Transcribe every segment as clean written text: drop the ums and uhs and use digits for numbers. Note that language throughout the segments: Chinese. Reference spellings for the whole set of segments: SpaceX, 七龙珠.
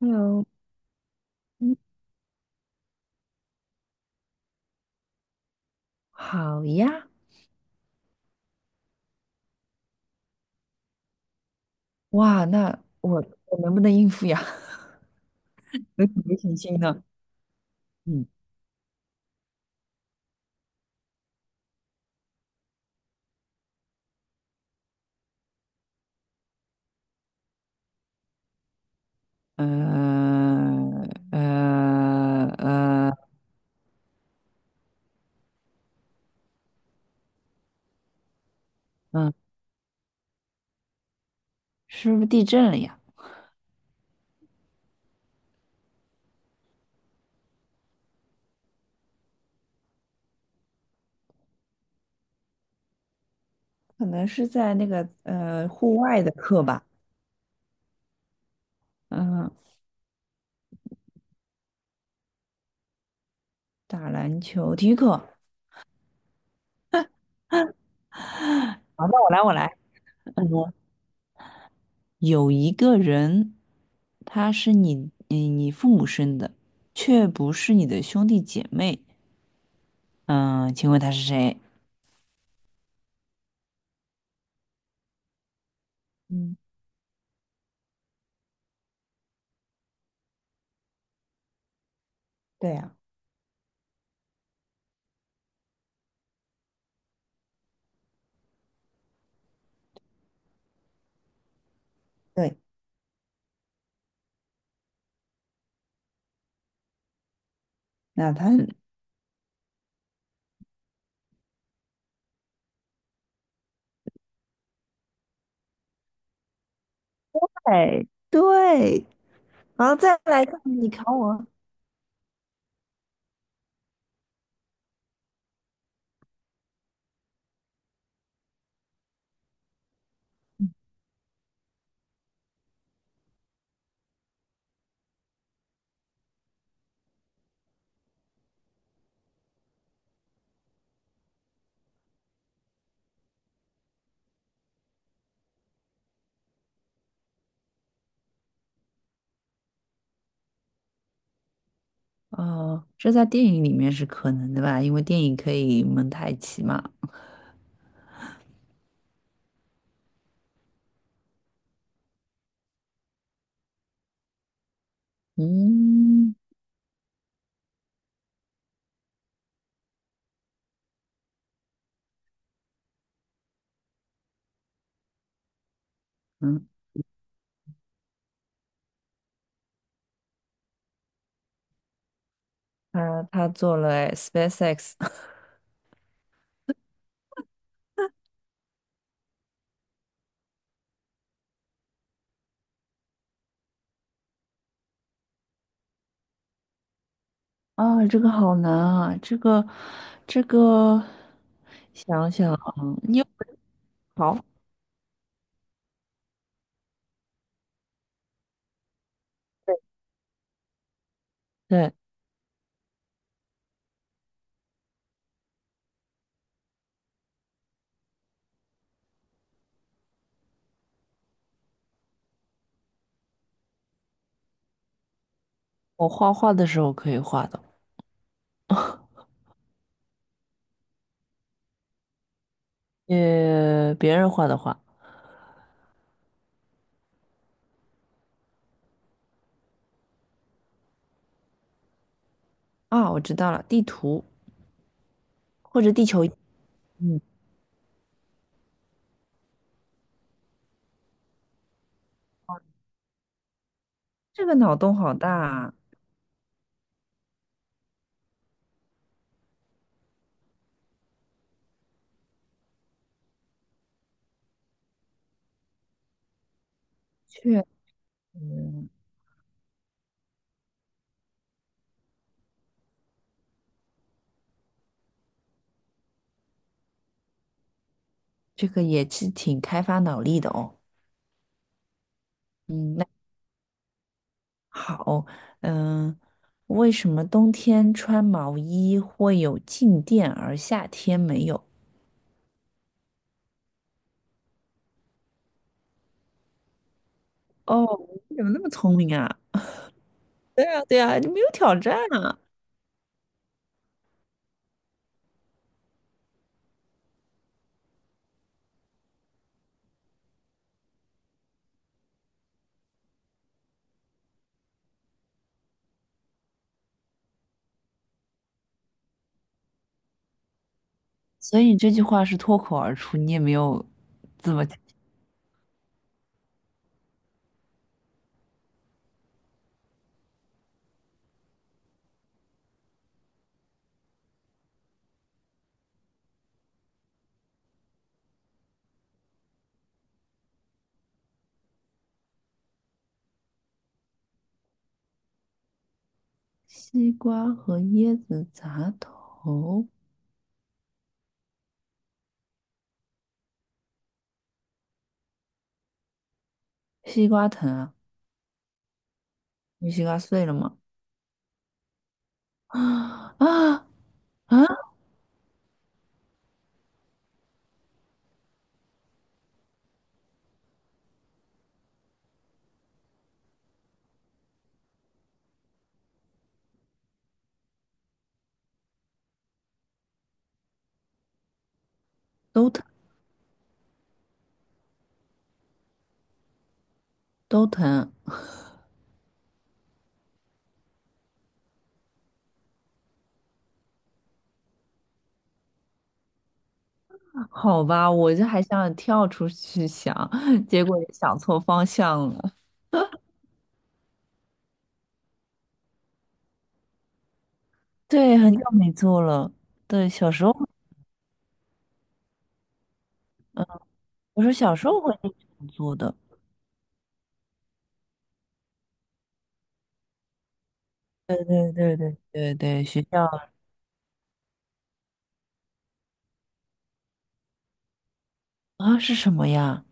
Hello。嗯，好呀。哇，那我能不能应付呀？有准备信心呢？嗯。呃呃呃，嗯，是不是地震了呀？可能是在那个户外的课吧。嗯，打篮球体育课。好，那我来，我来。嗯，有一个人，他是你，嗯，你父母生的，却不是你的兄弟姐妹。嗯，请问他是谁？嗯，对呀。对。那他哎，对，然后再来看你考我。哦，这在电影里面是可能的吧？因为电影可以蒙太奇嘛。嗯嗯，他做了哎 SpaceX 啊，这个好难啊，这个 想想啊。你有好。对，我画画的时候可以画的。别人画的画。啊，我知道了，地图或者地球仪。嗯，这个脑洞好大啊。确实，这个也是挺开发脑力的哦。嗯，那好。嗯，为什么冬天穿毛衣会有静电，而夏天没有？哦，你怎么那么聪明啊？对啊，对啊，你没有挑战啊。所以你这句话是脱口而出，你也没有怎么。西瓜和椰子砸头，西瓜疼啊？你西瓜碎了吗？啊啊啊！都疼，都疼。好吧，我这还想跳出去想，结果也想错方向了。对，很久没做了。对，小时候，我说小时候会经常做的。对对对对对对，啊是什么呀？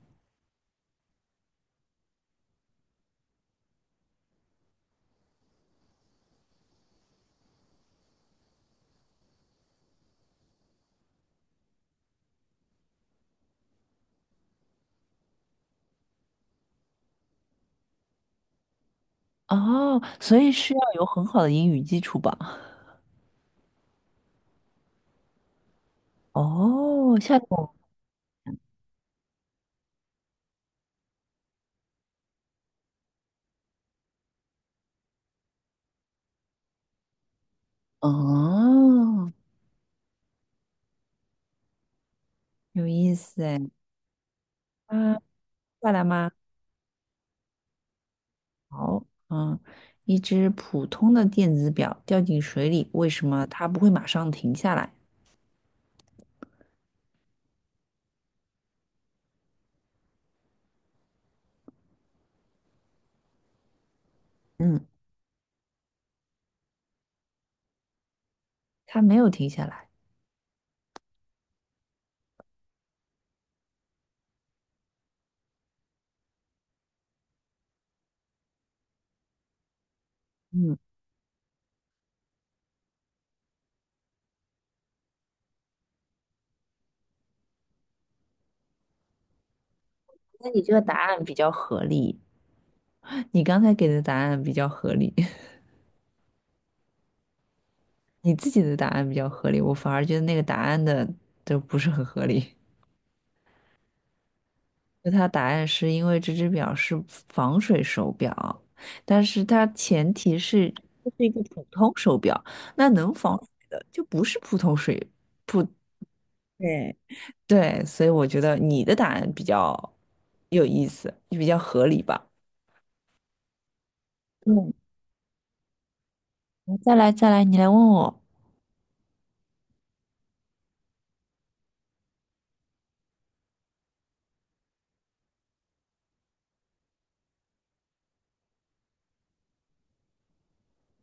哦，所以是要有很好的英语基础吧？哦，下次我哦，有意思哎。啊，再来吗？好，嗯，一只普通的电子表掉进水里，为什么它不会马上停下来？嗯。他没有停下来。嗯，那你这个答案比较合理，你刚才给的答案比较合理，你自己的答案比较合理，我反而觉得那个答案的都不是很合理。那他答案是因为这只表是防水手表，但是它前提是这是一个普通手表，那能防水的就不是普通水普，对，对，所以我觉得你的答案比较有意思，就比较合理吧。嗯，再来再来，你来问我。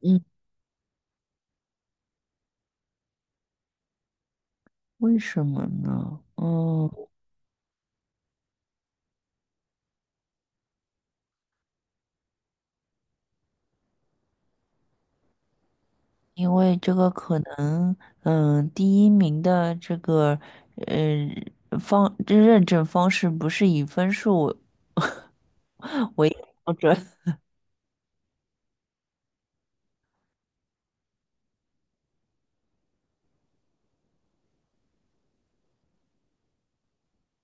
嗯。为什么呢？嗯，因为这个可能，嗯，第一名的这个，呃，认证方式不是以分数为标准。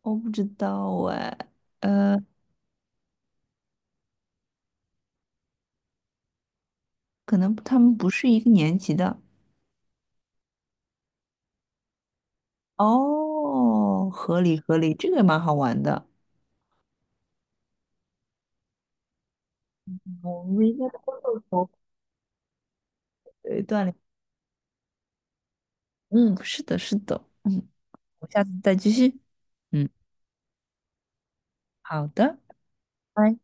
我不知道哎。呃，可能他们不是一个年级的。哦，合理合理，这个也蛮好玩的。我们应该多做做，对，锻炼。嗯，是的，是的。嗯，我下次再继续。嗯，好的。拜拜。